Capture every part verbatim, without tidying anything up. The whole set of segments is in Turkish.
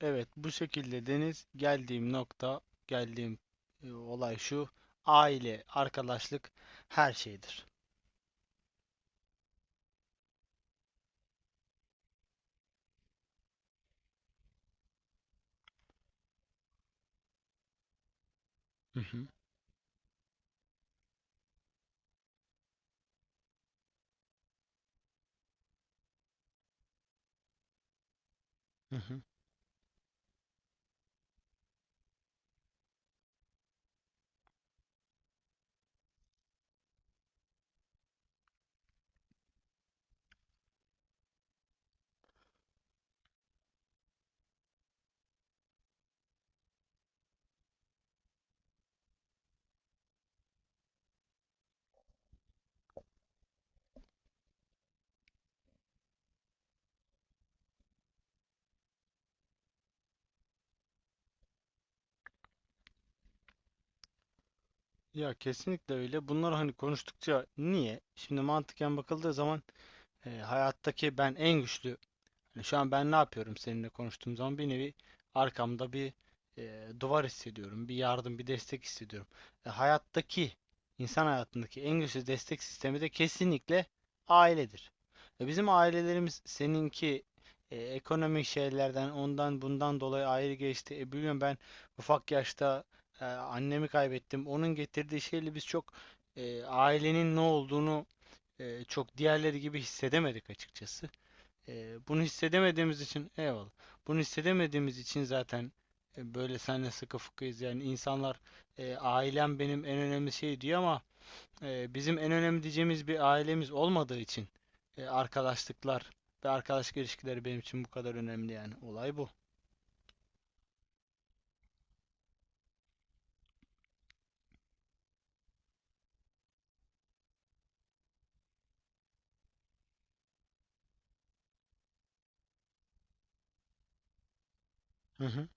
Evet, bu şekilde Deniz, geldiğim nokta, geldiğim e, olay şu. Aile, arkadaşlık her şeydir. Hı hı. Hı hı. Ya kesinlikle öyle. Bunlar hani konuştukça niye? Şimdi mantıken bakıldığı zaman e, hayattaki ben en güçlü Yani şu an ben ne yapıyorum seninle konuştuğum zaman bir nevi arkamda bir e, duvar hissediyorum. Bir yardım, bir destek hissediyorum. E, hayattaki, insan hayatındaki en güçlü destek sistemi de kesinlikle ailedir. E, bizim ailelerimiz, seninki, e, ekonomik şeylerden ondan bundan dolayı ayrı geçti. E, biliyorum ben ufak yaşta e, annemi kaybettim. Onun getirdiği şeyle biz çok, e, ailenin ne olduğunu, e, çok diğerleri gibi hissedemedik açıkçası. Ee, bunu hissedemediğimiz için eyvallah. Bunu hissedemediğimiz için zaten e, böyle senle sıkı fıkıyız. Yani insanlar e, ailem benim en önemli şey diyor ama e, bizim en önemli diyeceğimiz bir ailemiz olmadığı için e, arkadaşlıklar ve arkadaşlık ilişkileri benim için bu kadar önemli yani. Olay bu. Hı hı.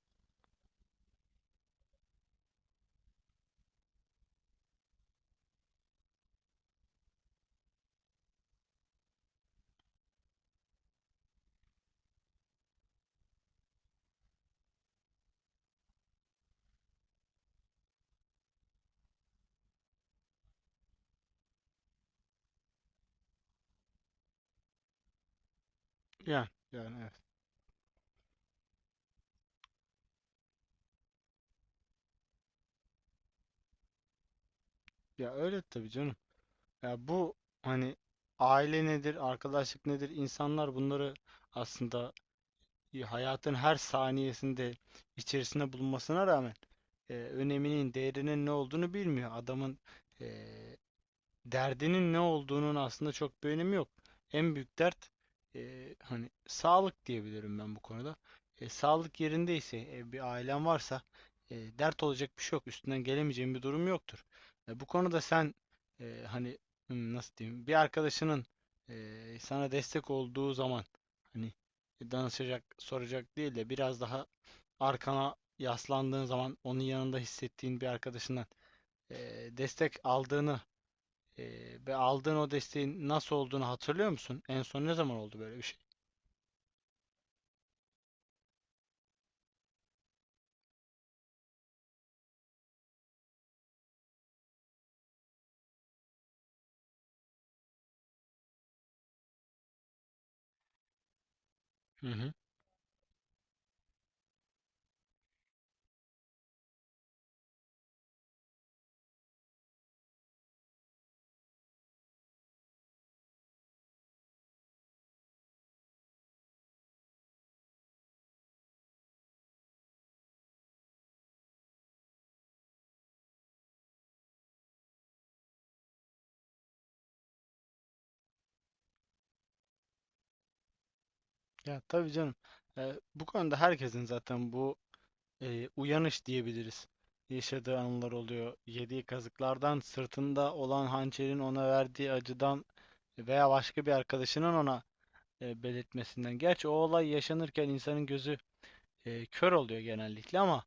Yani, yani evet. Ya öyle tabii canım. Ya bu hani aile nedir, arkadaşlık nedir? İnsanlar bunları aslında, ya hayatın her saniyesinde içerisinde bulunmasına rağmen e, öneminin, değerinin ne olduğunu bilmiyor. Adamın e, derdinin ne olduğunun aslında çok bir önemi yok. En büyük dert e, hani, sağlık diyebilirim ben bu konuda. E, sağlık yerindeyse, e, bir ailen varsa, e, dert olacak bir şey yok. Üstünden gelemeyeceğin bir durum yoktur. E, bu konuda sen, e, hani, hmm, nasıl diyeyim, bir arkadaşının e, sana destek olduğu zaman, hani, danışacak, soracak değil de biraz daha arkana yaslandığın zaman onun yanında hissettiğin bir arkadaşından e, destek aldığını ee, ve aldığın o desteğin nasıl olduğunu hatırlıyor musun? En son ne zaman oldu böyle bir şey? Hı hı. Ya tabii canım. Ee, bu konuda herkesin zaten bu e, uyanış diyebiliriz. Yaşadığı anılar oluyor. Yediği kazıklardan, sırtında olan hançerin ona verdiği acıdan veya başka bir arkadaşının ona e, belirtmesinden. Gerçi o olay yaşanırken insanın gözü e, kör oluyor genellikle ama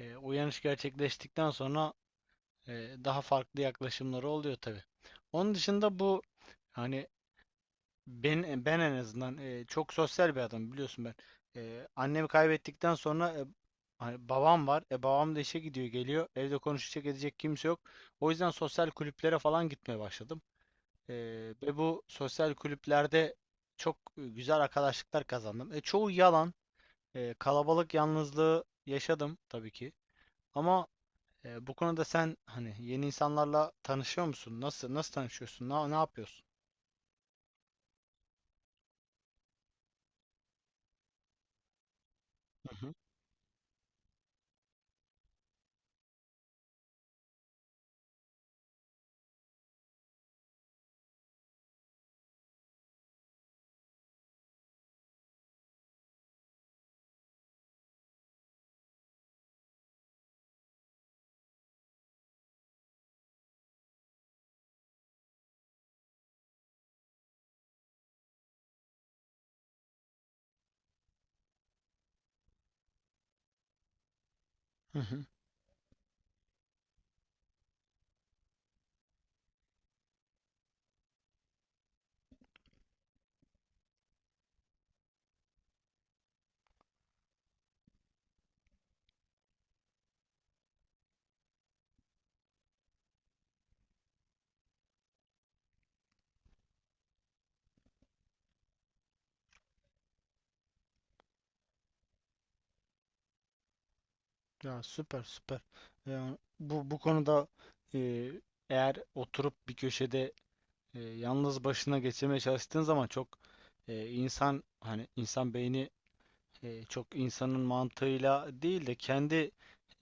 e, uyanış gerçekleştikten sonra e, daha farklı yaklaşımları oluyor tabii. Onun dışında bu, hani, Ben, ben en azından e, çok sosyal bir adam biliyorsun ben. E, annemi kaybettikten sonra e, hani babam var. E, babam da işe gidiyor geliyor. Evde konuşacak edecek kimse yok. O yüzden sosyal kulüplere falan gitmeye başladım. E, ve bu sosyal kulüplerde çok e, güzel arkadaşlıklar kazandım. E, çoğu yalan. E, kalabalık yalnızlığı yaşadım tabii ki. Ama e, bu konuda sen, hani, yeni insanlarla tanışıyor musun? Nasıl nasıl tanışıyorsun? Ne, ne yapıyorsun? Hı hı. Hı hı. Ya süper süper. Yani bu bu konuda, e, eğer oturup bir köşede e, yalnız başına geçirmeye çalıştığın zaman çok, e, insan, hani, insan beyni e, çok insanın mantığıyla değil de kendi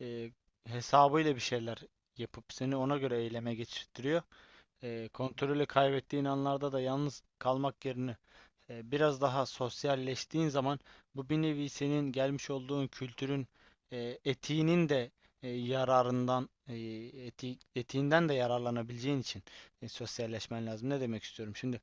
e, hesabıyla bir şeyler yapıp seni ona göre eyleme geçirtiyor. E, kontrolü kaybettiğin anlarda da yalnız kalmak yerine e, biraz daha sosyalleştiğin zaman bu bir nevi senin gelmiş olduğun kültürün e, etiğinin de e, yararından, e, eti- etiğinden de yararlanabileceğin için e, sosyalleşmen lazım. Ne demek istiyorum? Şimdi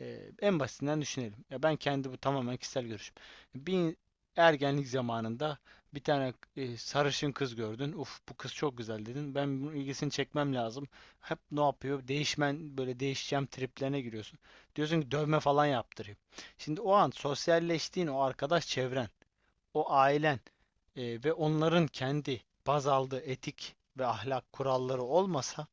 ee, en basitinden düşünelim. Ya ben, kendi, bu tamamen kişisel görüşüm. Bir ergenlik zamanında bir tane e, sarışın kız gördün. Uf, bu kız çok güzel dedin. Ben bunun ilgisini çekmem lazım. Hep ne yapıyor? Değişmen böyle değişeceğim triplerine giriyorsun. Diyorsun ki, dövme falan yaptırayım. Şimdi o an sosyalleştiğin o arkadaş çevren, o ailen e, ve onların kendi baz aldığı etik ve ahlak kuralları olmasa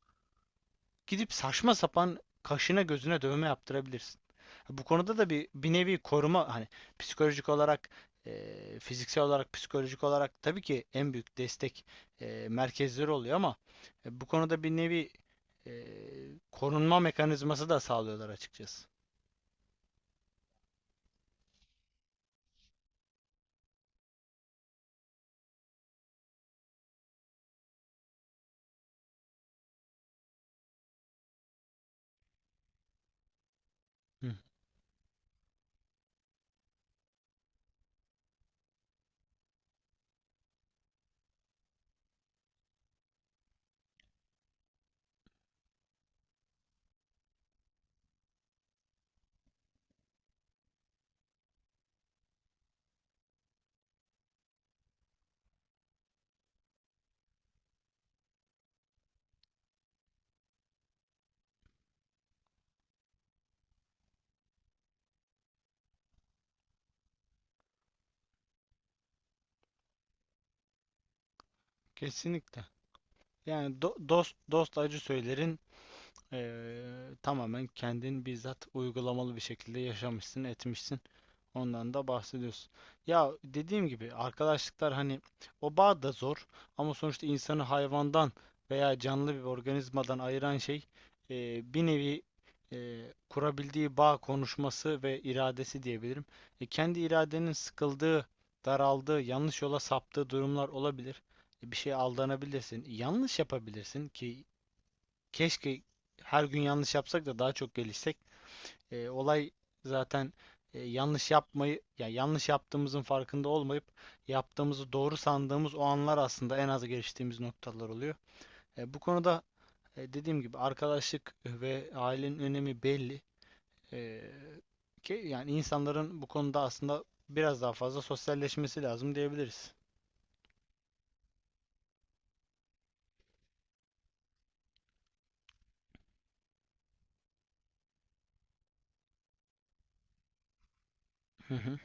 gidip saçma sapan kaşına gözüne dövme yaptırabilirsin. Bu konuda da bir bir nevi koruma, hani, psikolojik olarak, eee, fiziksel olarak, psikolojik olarak tabii ki en büyük destek eee, merkezleri oluyor ama e, bu konuda bir nevi eee, korunma mekanizması da sağlıyorlar açıkçası. Hı, kesinlikle. Yani do- dost dost acı söylerin, eee, tamamen kendin bizzat uygulamalı bir şekilde yaşamışsın, etmişsin. Ondan da bahsediyorsun. Ya dediğim gibi arkadaşlıklar, hani, o bağ da zor ama sonuçta insanı hayvandan veya canlı bir organizmadan ayıran şey e, bir nevi e, kurabildiği bağ, konuşması ve iradesi diyebilirim. E, kendi iradenin sıkıldığı, daraldığı, yanlış yola saptığı durumlar olabilir. E, bir şeye aldanabilirsin, yanlış yapabilirsin ki keşke her gün yanlış yapsak da daha çok gelişsek. E, olay zaten e, yanlış yapmayı, ya yanlış yaptığımızın farkında olmayıp yaptığımızı doğru sandığımız o anlar aslında en az geliştiğimiz noktalar oluyor. E, bu konuda e, dediğim gibi arkadaşlık ve ailenin önemi belli. E, ki yani insanların bu konuda aslında biraz daha fazla sosyalleşmesi lazım diyebiliriz. Hı hı.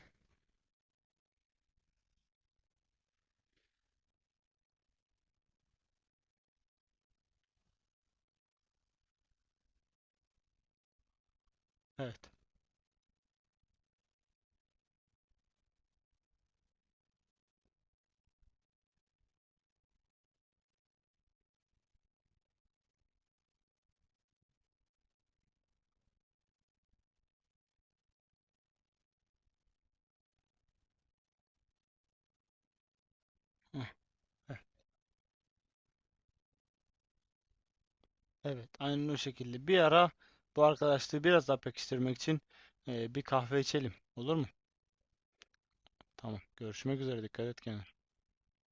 Evet. Hı hı. Evet, aynen o şekilde. Bir ara bu arkadaşlığı biraz daha pekiştirmek için e, bir kahve içelim. Olur mu? Tamam. Görüşmek üzere. Dikkat et kendine.